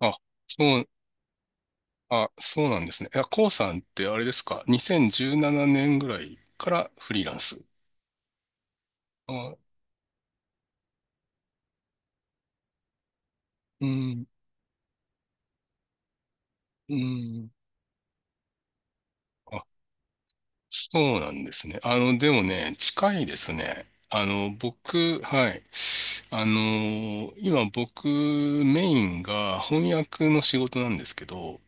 あ、そう、そうなんですね。いや、コウさんってあれですか ?2017 年ぐらいからフリーランス。あ、うん、うん。あ、そうなんですね。あの、でもね、近いですね。あの、僕、はい。あの、今僕、メインが翻訳の仕事なんですけど、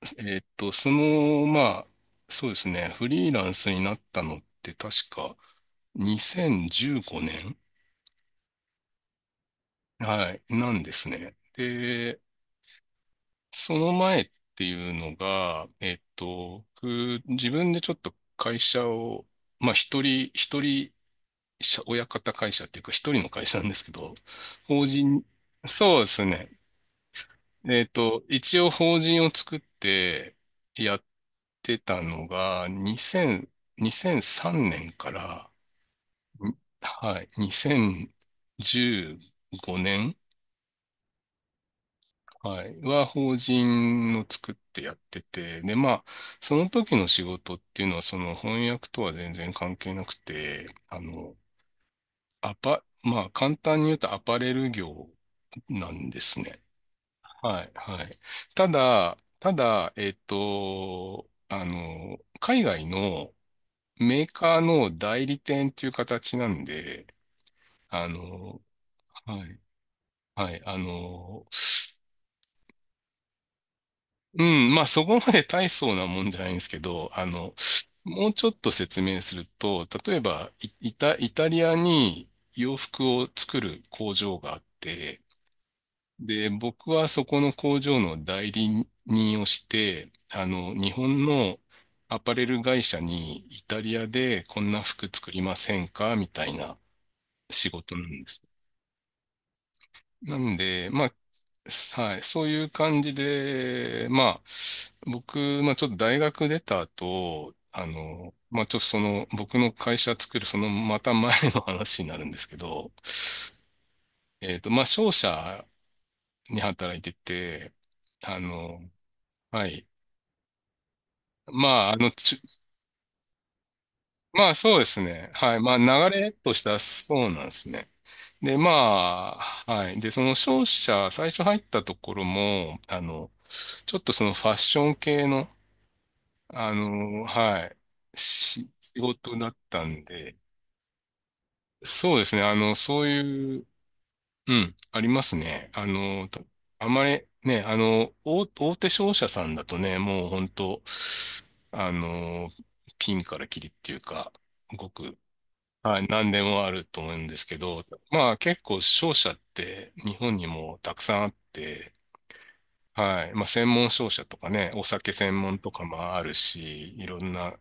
その、まあ、そうですね、フリーランスになったのって確か2015年、はい、なんですね。で、その前っていうのが、僕自分でちょっと会社を、まあ一人、一人社、親方会社っていうか一人の会社なんですけど、法人、そうですね。一応法人を作ってやってたのが、2000、2 3年から、に、はい、2015年、はい。法人を作ってやってて、で、まあ、その時の仕事っていうのは、その翻訳とは全然関係なくて、あの、まあ、簡単に言うとアパレル業なんですね。はい、はい。ただ、あの、海外のメーカーの代理店っていう形なんで、あの、はい、はい、あの、うん、まあそこまで大層なもんじゃないんですけど、あの、もうちょっと説明すると、例えばイタリアに洋服を作る工場があって、で、僕はそこの工場の代理人をして、あの、日本のアパレル会社にイタリアでこんな服作りませんかみたいな仕事なんです。なんで、まあ、はい、そういう感じで、まあ、僕、まあちょっと大学出た後、あの、まあちょっとその、僕の会社作るそのまた前の話になるんですけど、まあ商社に働いてて、あの、はい。まあ、あの、まあ、そうですね。はい。まあ流れとしたそうなんですね。で、まあ、はい。で、その商社、最初入ったところも、あの、ちょっとそのファッション系の、あの、はい、仕事だったんで、そうですね。あの、そういう、うん、ありますね。あの、あまりね、あの、大手商社さんだとね、もう本当、あの、ピンからキリっていうか、ごくはい、何でもあると思うんですけど、まあ結構商社って日本にもたくさんあって、はい、まあ専門商社とかね、お酒専門とかもあるし、いろんな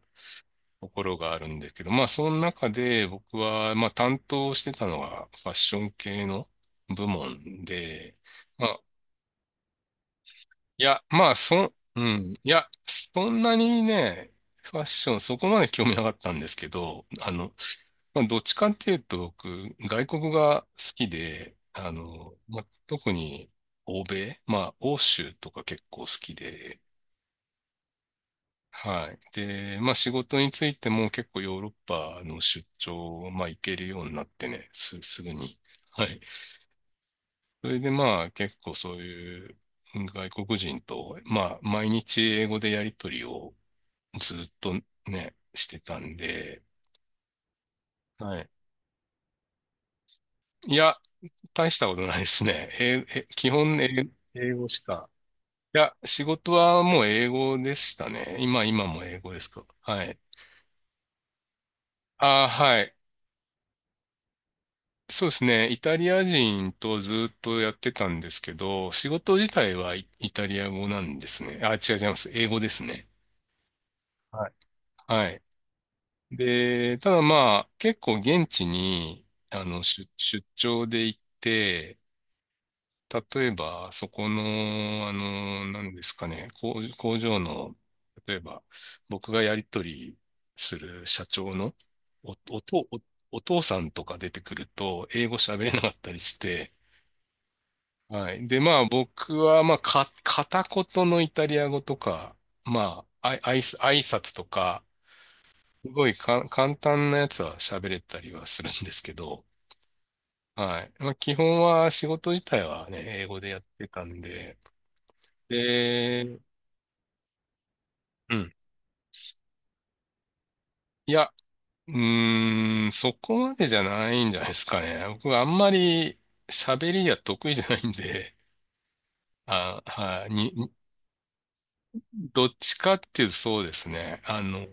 ところがあるんですけど、まあその中で僕はまあ担当してたのがファッション系の部門で、まあ、いや、いや、そんなにね、ファッションそこまで興味なかったんですけど、あの、まあ、どっちかっていうと、僕、外国が好きで、あの、まあ、特に欧米、まあ、欧州とか結構好きで、はい。で、まあ、仕事についても結構ヨーロッパの出張、まあ、行けるようになってね、すぐに。はい。それでまあ、結構そういう外国人と、まあ、毎日英語でやりとりをずっとね、してたんで、はい。いや、大したことないですね。基本英語しか。いや、仕事はもう英語でしたね。今、今も英語ですか。はい。ああ、はい。そうですね。イタリア人とずっとやってたんですけど、仕事自体はイタリア語なんですね。あ、違う、違います。英語ですね。はい。はい。で、ただまあ、結構現地に、あの、出張で行って、例えば、そこの、あの、何ですかね、工場の、例えば、僕がやり取りする社長のお、お父、お、お父さんとか出てくると、英語喋れなかったりして、はい。で、まあ、僕は、まあ、片言のイタリア語とか、まあ、あい、あい、挨拶とか、すごいか、簡単なやつは喋れたりはするんですけど、はい。まあ、基本は仕事自体はね、英語でやってたんで、で、うん。いや、うーん、そこまでじゃないんじゃないですかね。僕はあんまり喋りが得意じゃないんで、あ、はい、どっちかっていうとそうですね。あの、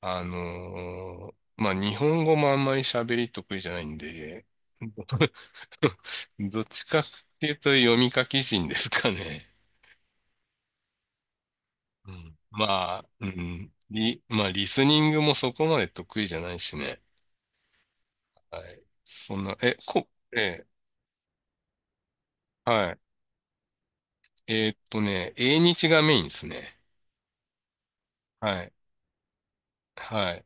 あのーまあ、日本語もあんまり喋り得意じゃないんで、どっちかっていうと読み書き人ですかね。うん、まあ、うん、まあ、リスニングもそこまで得意じゃないしね。はい。そんな、え、こ、えー、はい。英日がメインですね。はい。はい。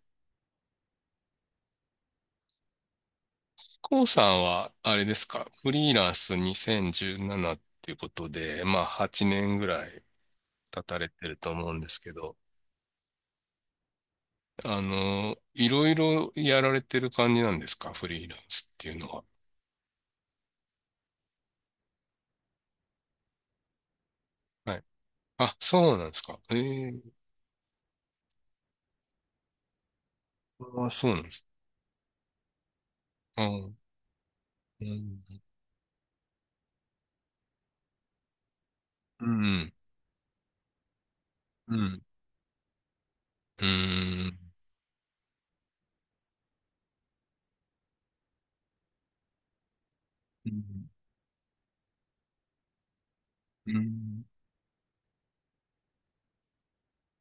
コウさんは、あれですか、フリーランス2017っていうことで、まあ、8年ぐらい経たれてると思うんですけど、あの、いろいろやられてる感じなんですか、フリーランスっていうのは。はい。あ、そうなんですか。ええ、あ、そうなんです。うん。うん。うん。うん。うん。うん。うん。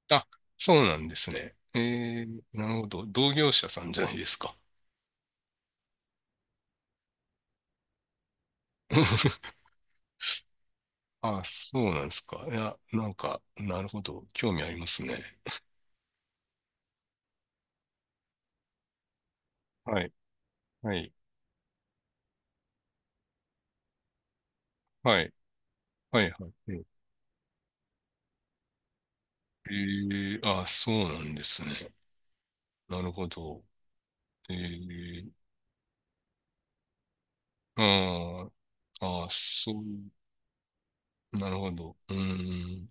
あ、そうなんですね。えー、なるほど。同業者さんじゃないですか。あ、そうなんですか。いや、なんか、なるほど。興味ありますね。はい、はい、はい、はい、はい。うん、えー、あ、そうなんですね。なるほど。えー、あー、あー、そう、なるほど。うーん。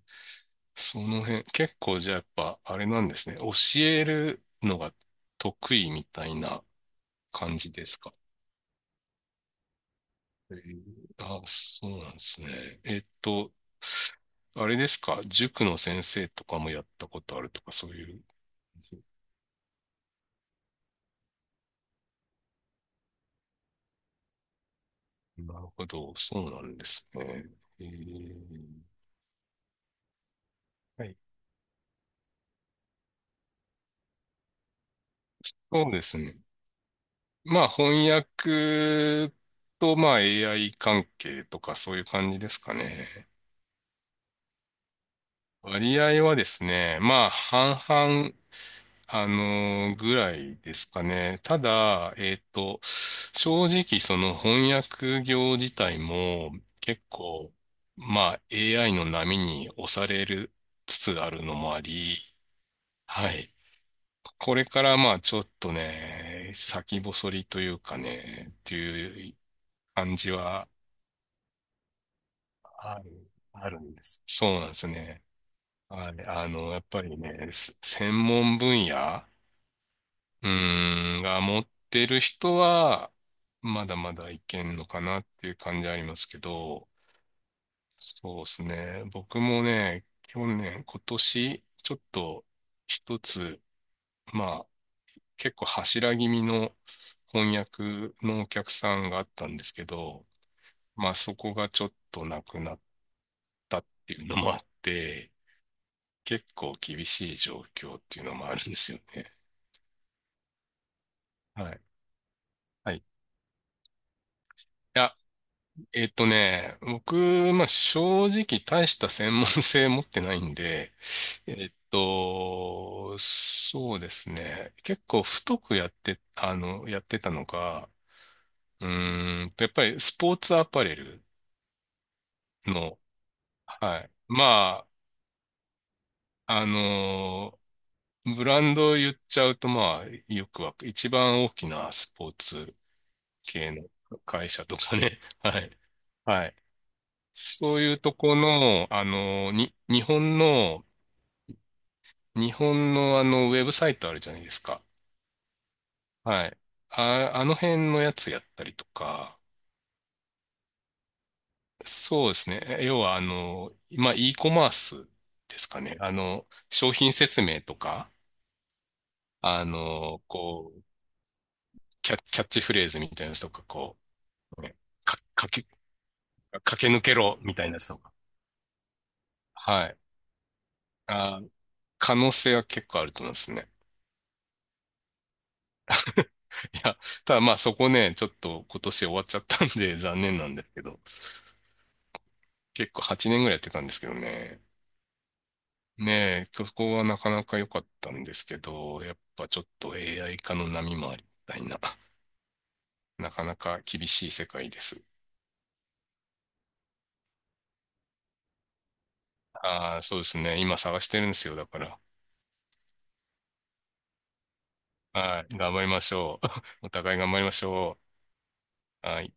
その辺、結構じゃあやっぱ、あれなんですね。教えるのが得意みたいな感じですか？えー、あ、そうなんですね。あれですか、塾の先生とかもやったことあるとか、そういう。なるほど、そうなんですね。えー、はい。そうですね。まあ、翻訳と、まあ、AI 関係とか、そういう感じですかね。割合はですね、まあ、半々、ぐらいですかね。ただ、正直、その翻訳業自体も結構、まあ、AI の波に押されるつつあるのもあり、はい。これから、まあ、ちょっとね、先細りというかね、っていう感じはある、あるんです。そうなんですね。はい、あの、やっぱりね、専門分野、うーん、が持ってる人は、まだまだいけんのかなっていう感じありますけど、そうですね。僕もね、去年、今年、ちょっと一つ、まあ、結構柱気味の翻訳のお客さんがあったんですけど、まあそこがちょっとなくなったっていうのもあって、結構厳しい状況っていうのもあるんですよね。はい。はい、いや、僕、まあ、正直大した専門性持ってないんで、そうですね。結構太くやって、あの、やってたのが、うーんと、やっぱりスポーツアパレルの、はい。まあ、あの、ブランドを言っちゃうと、まあ、よくわ、一番大きなスポーツ系の会社とかね。はい。はい、そういうとこの、あの、日本の、日本のあの、ウェブサイトあるじゃないですか。はい。あ、あの辺のやつやったりとか、そうですね。要は、あの、まあ、e コマースですかね。あの、商品説明とか、あの、こう、キャッチフレーズみたいなやつとか、こう、ねか、かけ、駆け抜けろみたいなやつとか。はい。あ、可能性は結構あると思うんですね。いや、ただまあそこね、ちょっと今年終わっちゃったんで残念なんですけど、結構8年ぐらいやってたんですけどね。ねえ、そこはなかなか良かったんですけど、やっぱちょっと AI 化の波もありみたいな、なかなか厳しい世界です。ああ、そうですね。今探してるんですよ、だから。はい、頑張りましょう。お互い頑張りましょう。はい。